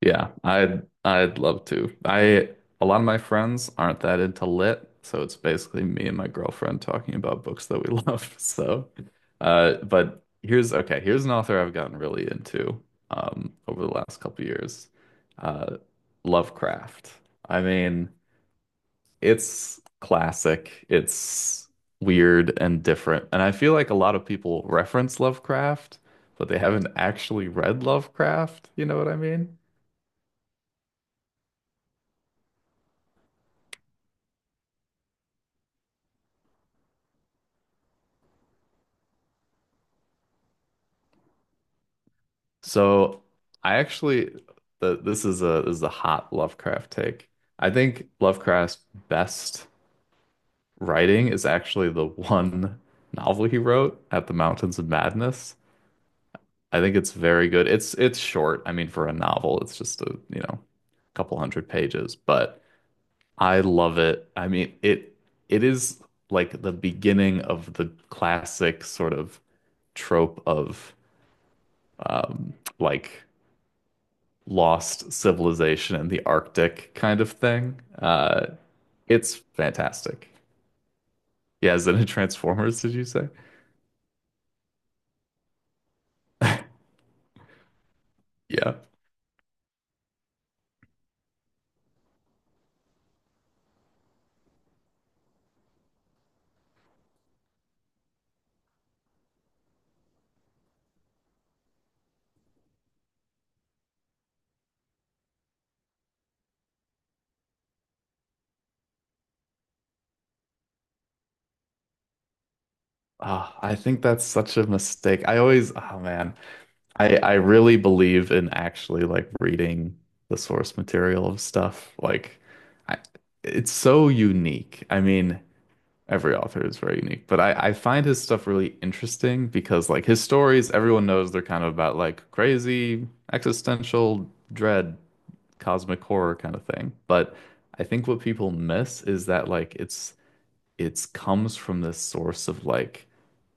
Yeah, I'd love to. I A lot of my friends aren't that into lit, so it's basically me and my girlfriend talking about books that we love. So, but here's okay. Here's an author I've gotten really into over the last couple years, uh, Lovecraft. I mean, it's classic. It's weird and different, and I feel like a lot of people reference Lovecraft, but they haven't actually read Lovecraft. You know what I mean? So I actually the, this is a hot Lovecraft take. I think Lovecraft's best writing is actually the one novel he wrote, At the Mountains of Madness. I think it's very good. It's short. I mean, for a novel, it's just a, you know, couple hundred pages, but I love it. I mean, it is like the beginning of the classic sort of trope of um like lost civilization in the Arctic kind of thing. It's fantastic. Yeah, is it in Transformers, did you say? Yeah. Ah, I think that's such a mistake. I always, oh man, I really believe in actually like reading the source material of stuff. Like, I, it's so unique. I mean, every author is very unique, but I find his stuff really interesting because like his stories, everyone knows they're kind of about like crazy existential dread, cosmic horror kind of thing. But I think what people miss is that like it's comes from this source of like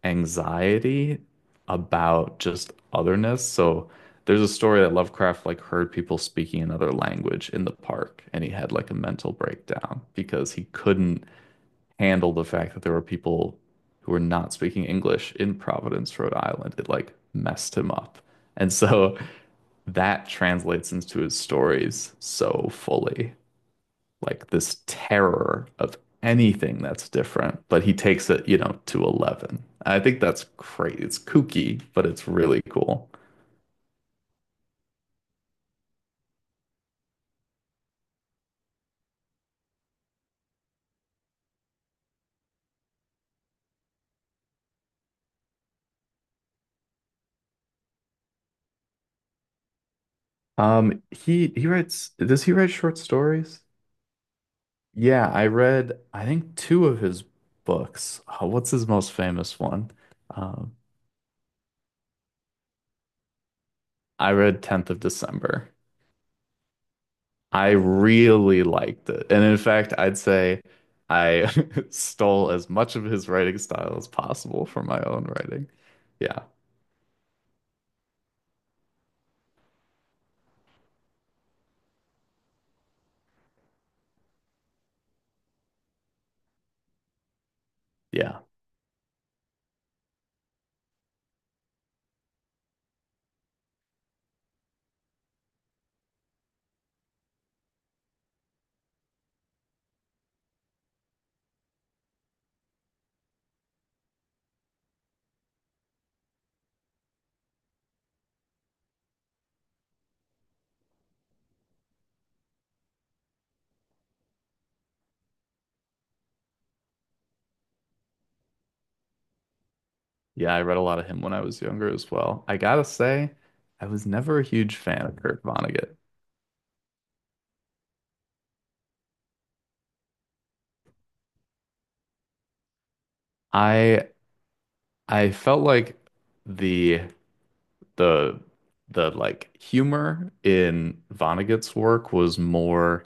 anxiety about just otherness. So there's a story that Lovecraft like heard people speaking another language in the park and he had like a mental breakdown because he couldn't handle the fact that there were people who were not speaking English in Providence, Rhode Island. It like messed him up. And so that translates into his stories so fully. Like this terror of anything that's different, but he takes it, you know, to 11. I think that's great. It's kooky, but it's really cool. He does he write short stories? Yeah, I read, I think, two of his books. Oh, what's his most famous one? Um, I read 10th of December. I really liked it. And in fact, I'd say I stole as much of his writing style as possible for my own writing. Yeah. Yeah. Yeah. I read a lot of him when I was younger as well. I gotta say, I was never a huge fan of Kurt Vonnegut. I I felt like the the the like humor in Vonnegut's work was more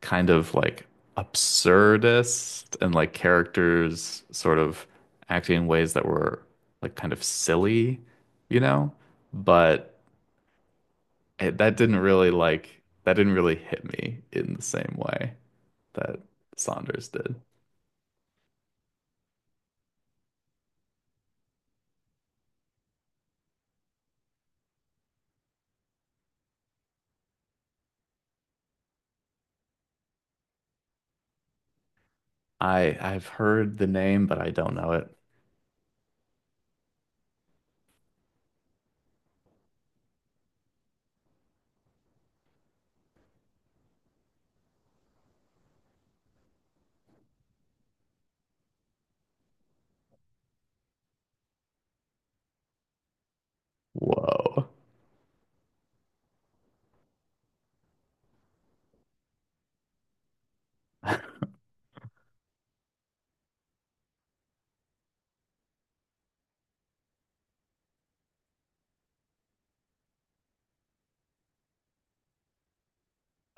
kind of like absurdist and like characters sort of acting in ways that were like kind of silly, you know? But it, that didn't really hit me in the same way that Saunders did. I've heard the name, but I don't know it. Whoa.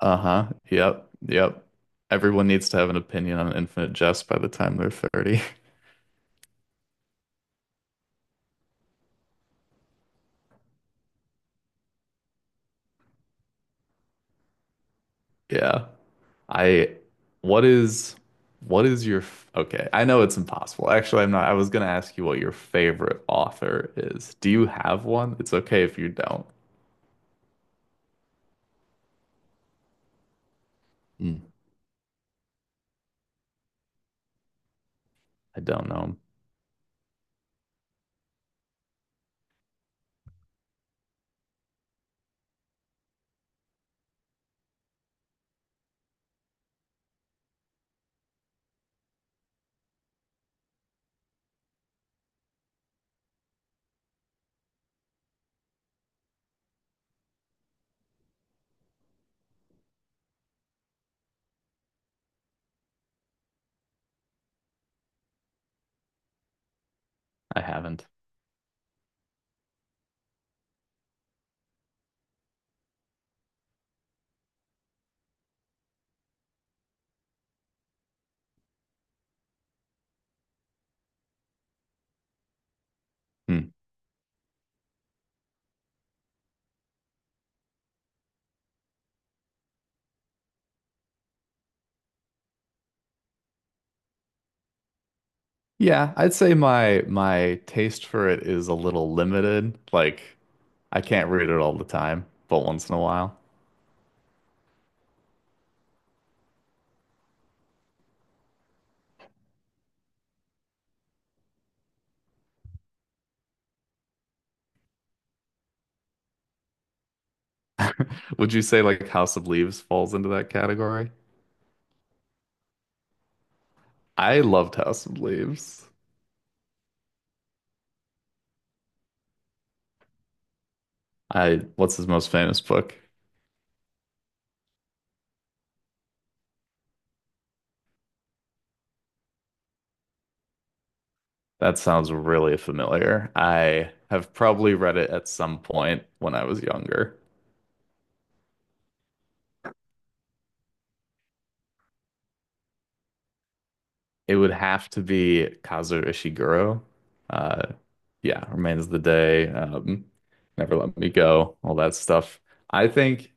Uh-huh. Yep. Yep. Everyone needs to have an opinion on Infinite Jest by the time they're 30. Yeah. I what is what is your okay, I know it's impossible. Actually, I'm not. I was gonna ask you what your favorite author is. Do you have one? It's okay if you don't. Mm. I don't know. I haven't. Hmm. Yeah, I'd say my taste for it is a little limited. Like I can't read it all the time, but once in a while. Would you say like House of Leaves falls into that category? I loved House of Leaves. I, what's his most famous book? That sounds really familiar. I have probably read it at some point when I was younger. It would have to be Kazuo Ishiguro. Uh, yeah, Remains of the Day, Never Let Me Go, all that stuff. I think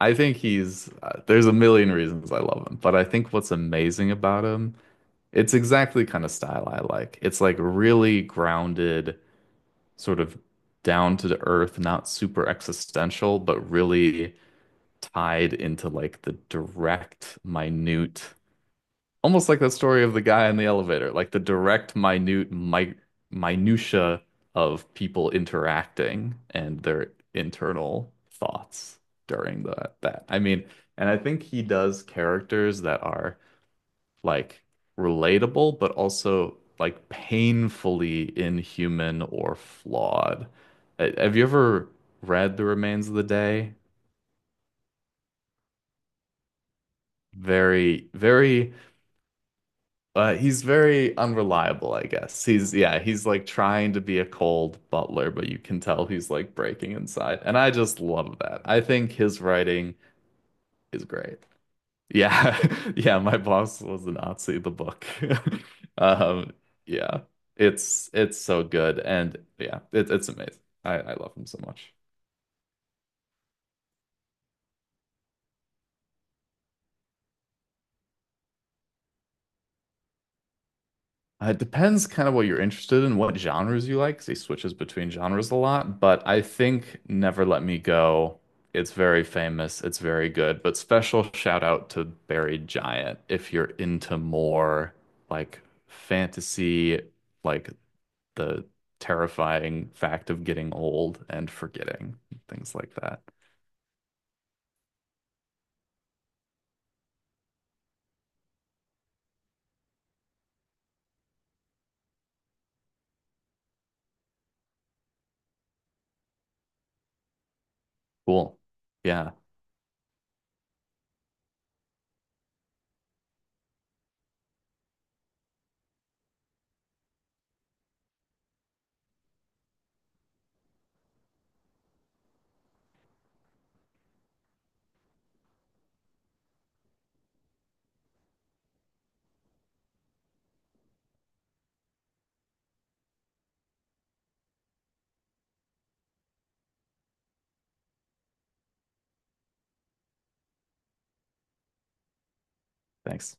I think he's there's a million reasons I love him, but I think what's amazing about him, it's exactly the kind of style I like. It's like really grounded, sort of down to the earth, not super existential, but really tied into like the direct, minute, almost like that story of the guy in the elevator, like the direct, minute, mi minutia of people interacting and their internal thoughts during the that. I mean, and I think he does characters that are like relatable, but also like painfully inhuman or flawed. Have you ever read The Remains of the Day? Very, very. He's very unreliable, I guess. He's yeah, he's like trying to be a cold butler, but you can tell he's like breaking inside. And I just love that. I think his writing is great. Yeah. Yeah, my boss was a Nazi, the book. Um, yeah. It's so good and yeah, it, it's amazing. I love him so much. It depends kind of what you're interested in, what genres you like, because he switches between genres a lot. But I think Never Let Me Go, it's very famous, it's very good. But special shout out to Buried Giant if you're into more like fantasy, like the terrifying fact of getting old and forgetting, things like that. Cool. Yeah, thanks.